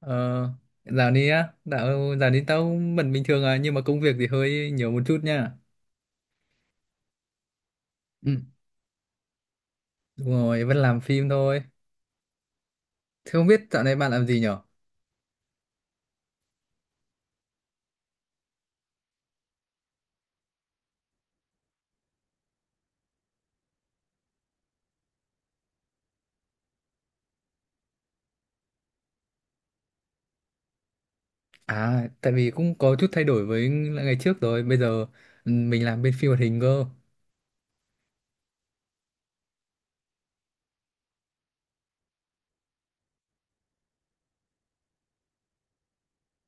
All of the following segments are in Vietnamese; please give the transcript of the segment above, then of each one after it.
Ờ, dạo này á, dạo này tao vẫn bình thường à, nhưng mà công việc thì hơi nhiều một chút nha. Ừ. Đúng rồi, vẫn làm phim thôi. Thế không biết dạo này bạn làm gì nhở? À, tại vì cũng có chút thay đổi với lại ngày trước rồi, bây giờ mình làm bên phim hoạt hình cơ.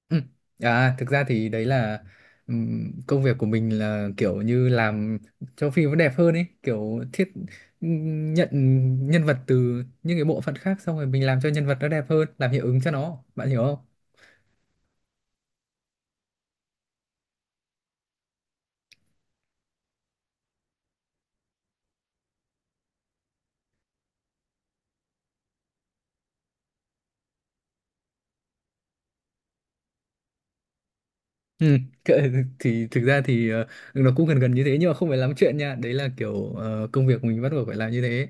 Ừ. À, thực ra thì đấy là công việc của mình là kiểu như làm cho phim nó đẹp hơn ấy, kiểu thiết nhận nhân vật từ những cái bộ phận khác, xong rồi mình làm cho nhân vật nó đẹp hơn, làm hiệu ứng cho nó, bạn hiểu không? Ừ, thì thực ra thì nó cũng gần gần như thế, nhưng mà không phải lắm chuyện nha, đấy là kiểu công việc mình bắt buộc phải làm như thế.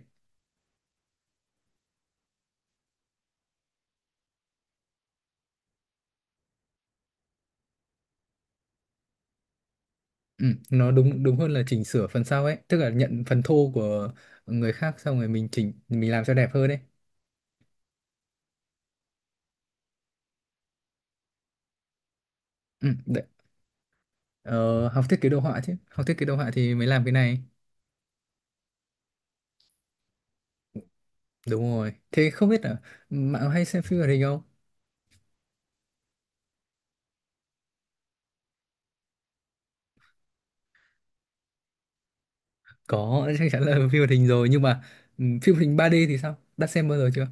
Ừ, nó đúng đúng hơn là chỉnh sửa phần sau ấy, tức là nhận phần thô của người khác xong rồi mình chỉnh, mình làm cho đẹp hơn ấy. Ừ, đấy. Ờ, học thiết kế đồ họa chứ, học thiết kế đồ họa thì mới làm cái này. Đúng rồi, thế không biết là bạn có hay xem phim hoạt hình không? Có, chắc chắn là phim hoạt hình rồi, nhưng mà phim hoạt hình 3D thì sao, đã xem bao giờ chưa?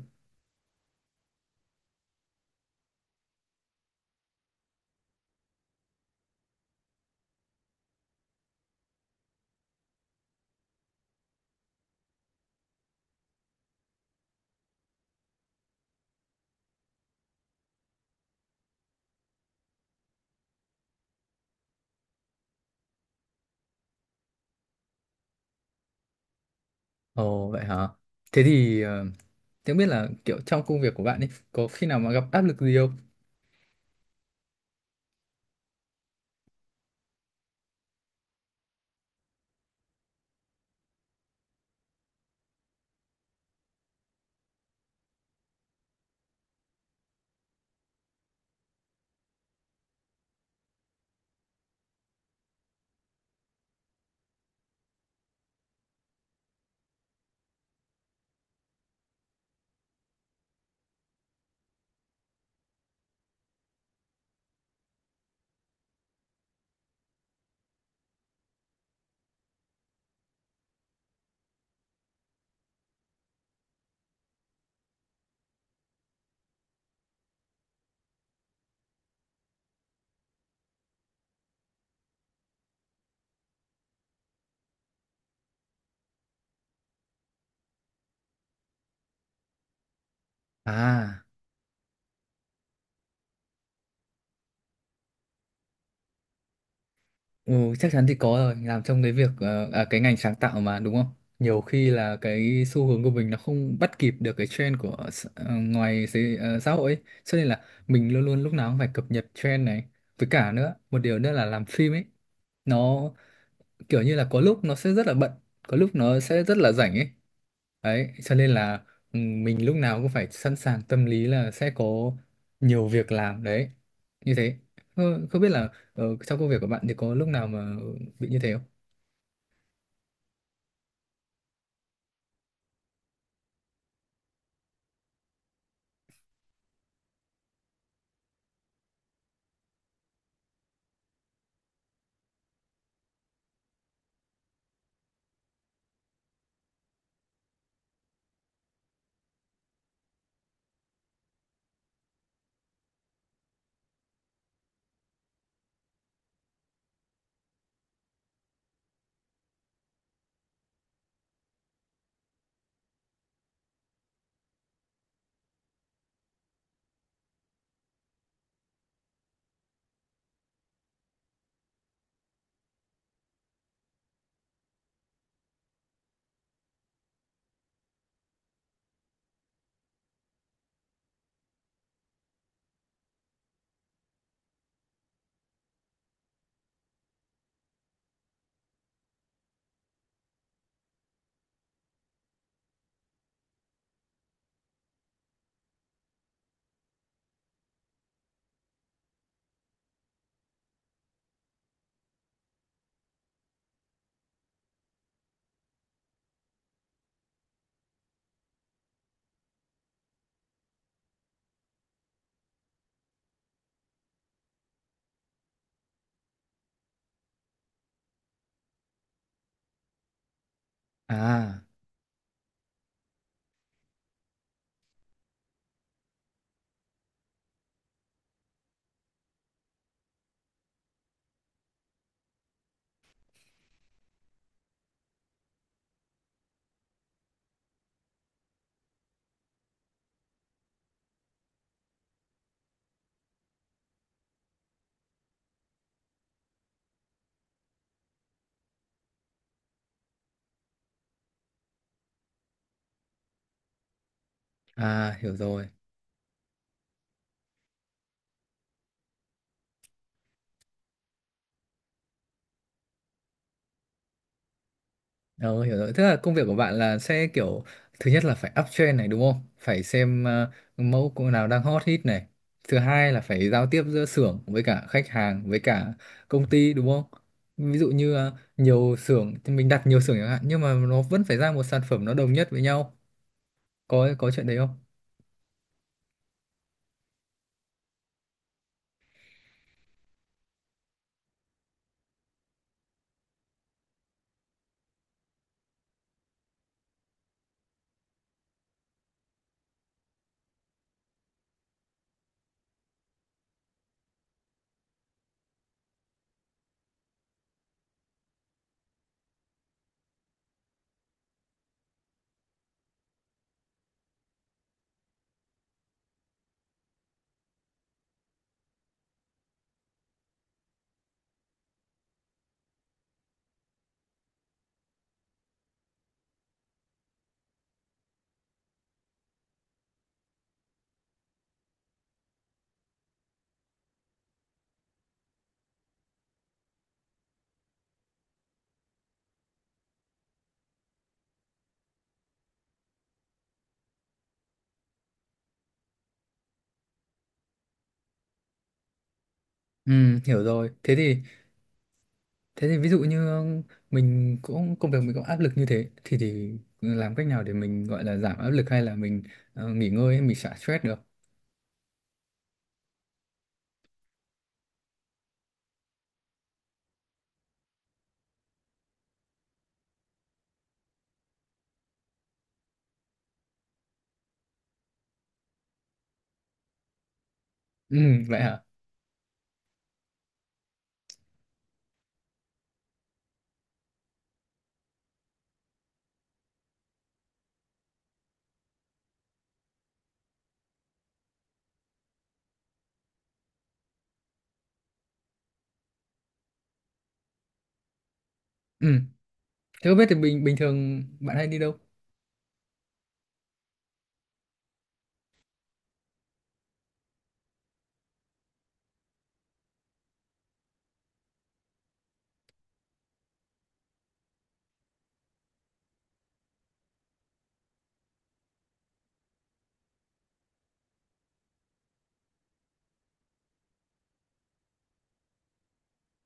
Ồ vậy hả? Thế thì không biết là kiểu trong công việc của bạn ấy có khi nào mà gặp áp lực gì không? À, ừ, chắc chắn thì có rồi, làm trong cái việc cái ngành sáng tạo mà, đúng không? Nhiều khi là cái xu hướng của mình nó không bắt kịp được cái trend của ngoài xã hội ấy, cho nên là mình luôn luôn lúc nào cũng phải cập nhật trend này. Với cả nữa, một điều nữa là làm phim ấy, nó kiểu như là có lúc nó sẽ rất là bận, có lúc nó sẽ rất là rảnh ấy. Đấy, cho nên là mình lúc nào cũng phải sẵn sàng tâm lý là sẽ có nhiều việc làm đấy. Như thế. Không biết là trong công việc của bạn thì có lúc nào mà bị như thế không? À, à, hiểu rồi. Ờ, hiểu rồi. Tức là công việc của bạn là sẽ kiểu thứ nhất là phải uptrend này, đúng không? Phải xem mẫu cô nào đang hot hit này. Thứ hai là phải giao tiếp giữa xưởng với cả khách hàng với cả công ty, đúng không? Ví dụ như nhiều xưởng thì mình đặt nhiều xưởng chẳng hạn, nhưng mà nó vẫn phải ra một sản phẩm nó đồng nhất với nhau. Có chuyện đấy không? Ừ, hiểu rồi. Thế thì ví dụ như mình cũng, công việc mình có áp lực như thế, thì làm cách nào để mình gọi là giảm áp lực, hay là mình nghỉ ngơi ấy, mình xả stress được? Ừ, vậy hả? Ừ. Thế không biết thì bình bình thường bạn hay đi đâu?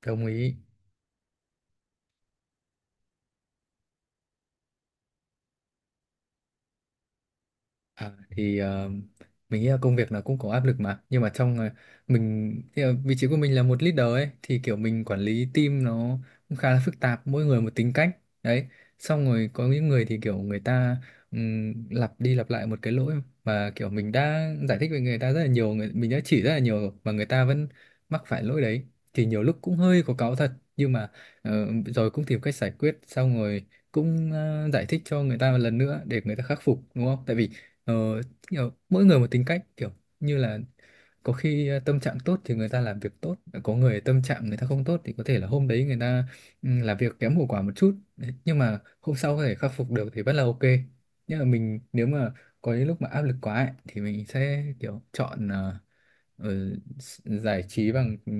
Đồng ý. À, thì mình nghĩ là công việc nó cũng có áp lực mà, nhưng mà trong mình thì, vị trí của mình là một leader ấy, thì kiểu mình quản lý team nó cũng khá là phức tạp, mỗi người một tính cách đấy, xong rồi có những người thì kiểu người ta lặp đi lặp lại một cái lỗi mà kiểu mình đã giải thích với người ta rất là nhiều, người mình đã chỉ rất là nhiều rồi mà người ta vẫn mắc phải lỗi đấy, thì nhiều lúc cũng hơi có cáu thật, nhưng mà ờ, rồi cũng tìm cách giải quyết, xong rồi cũng giải thích cho người ta một lần nữa để người ta khắc phục, đúng không, tại vì ờ, kiểu mỗi người một tính cách, kiểu như là có khi tâm trạng tốt thì người ta làm việc tốt, có người tâm trạng người ta không tốt thì có thể là hôm đấy người ta làm việc kém hiệu quả một chút. Đấy, nhưng mà hôm sau có thể khắc phục được thì vẫn là ok, nhưng mà mình nếu mà có những lúc mà áp lực quá ấy, thì mình sẽ kiểu chọn ờ, giải trí bằng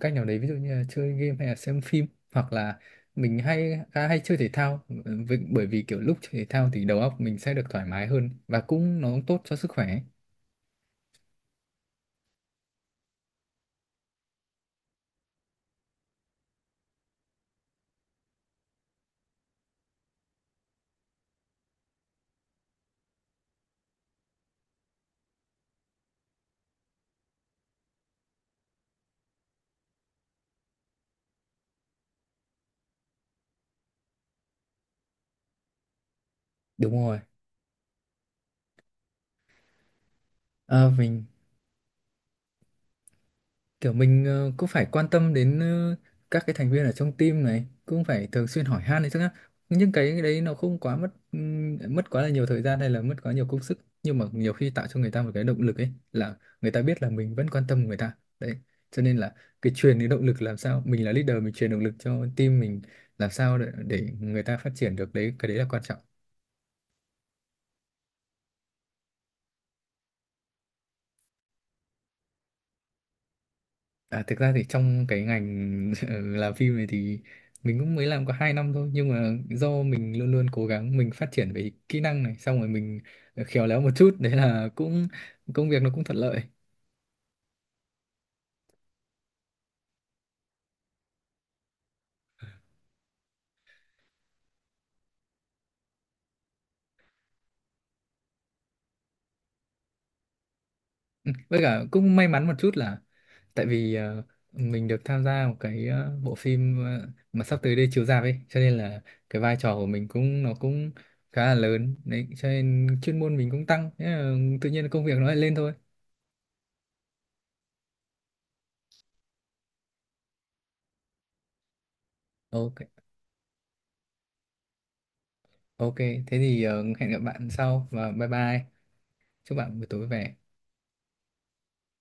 cách nào đấy, ví dụ như là chơi game hay là xem phim, hoặc là mình hay chơi thể thao, bởi vì kiểu lúc chơi thể thao thì đầu óc mình sẽ được thoải mái hơn, và nó cũng tốt cho sức khỏe ấy. Đúng rồi. Ờ, mình, cũng phải quan tâm đến các cái thành viên ở trong team này, cũng phải thường xuyên hỏi han đấy chứ nhá. Nhưng cái đấy nó không quá mất, mất quá là nhiều thời gian hay là mất quá nhiều công sức, nhưng mà nhiều khi tạo cho người ta một cái động lực ấy, là người ta biết là mình vẫn quan tâm người ta đấy, cho nên là cái truyền cái động lực, làm sao mình là leader mình truyền động lực cho team mình, làm sao để người ta phát triển được đấy, cái đấy là quan trọng. À, thực ra thì trong cái ngành làm phim này thì mình cũng mới làm có 2 năm thôi, nhưng mà do mình luôn luôn cố gắng mình phát triển về kỹ năng này, xong rồi mình khéo léo một chút, đấy là cũng công việc nó cũng thuận lợi. Ừ, với cả cũng may mắn một chút là, tại vì mình được tham gia một cái bộ phim mà sắp tới đây chiếu rạp ấy, cho nên là cái vai trò của mình nó cũng khá là lớn đấy, cho nên chuyên môn mình cũng tăng, thế là tự nhiên công việc nó lại lên thôi. Ok. Ok, thế thì hẹn gặp bạn sau và bye bye. Chúc bạn buổi tối vui vẻ.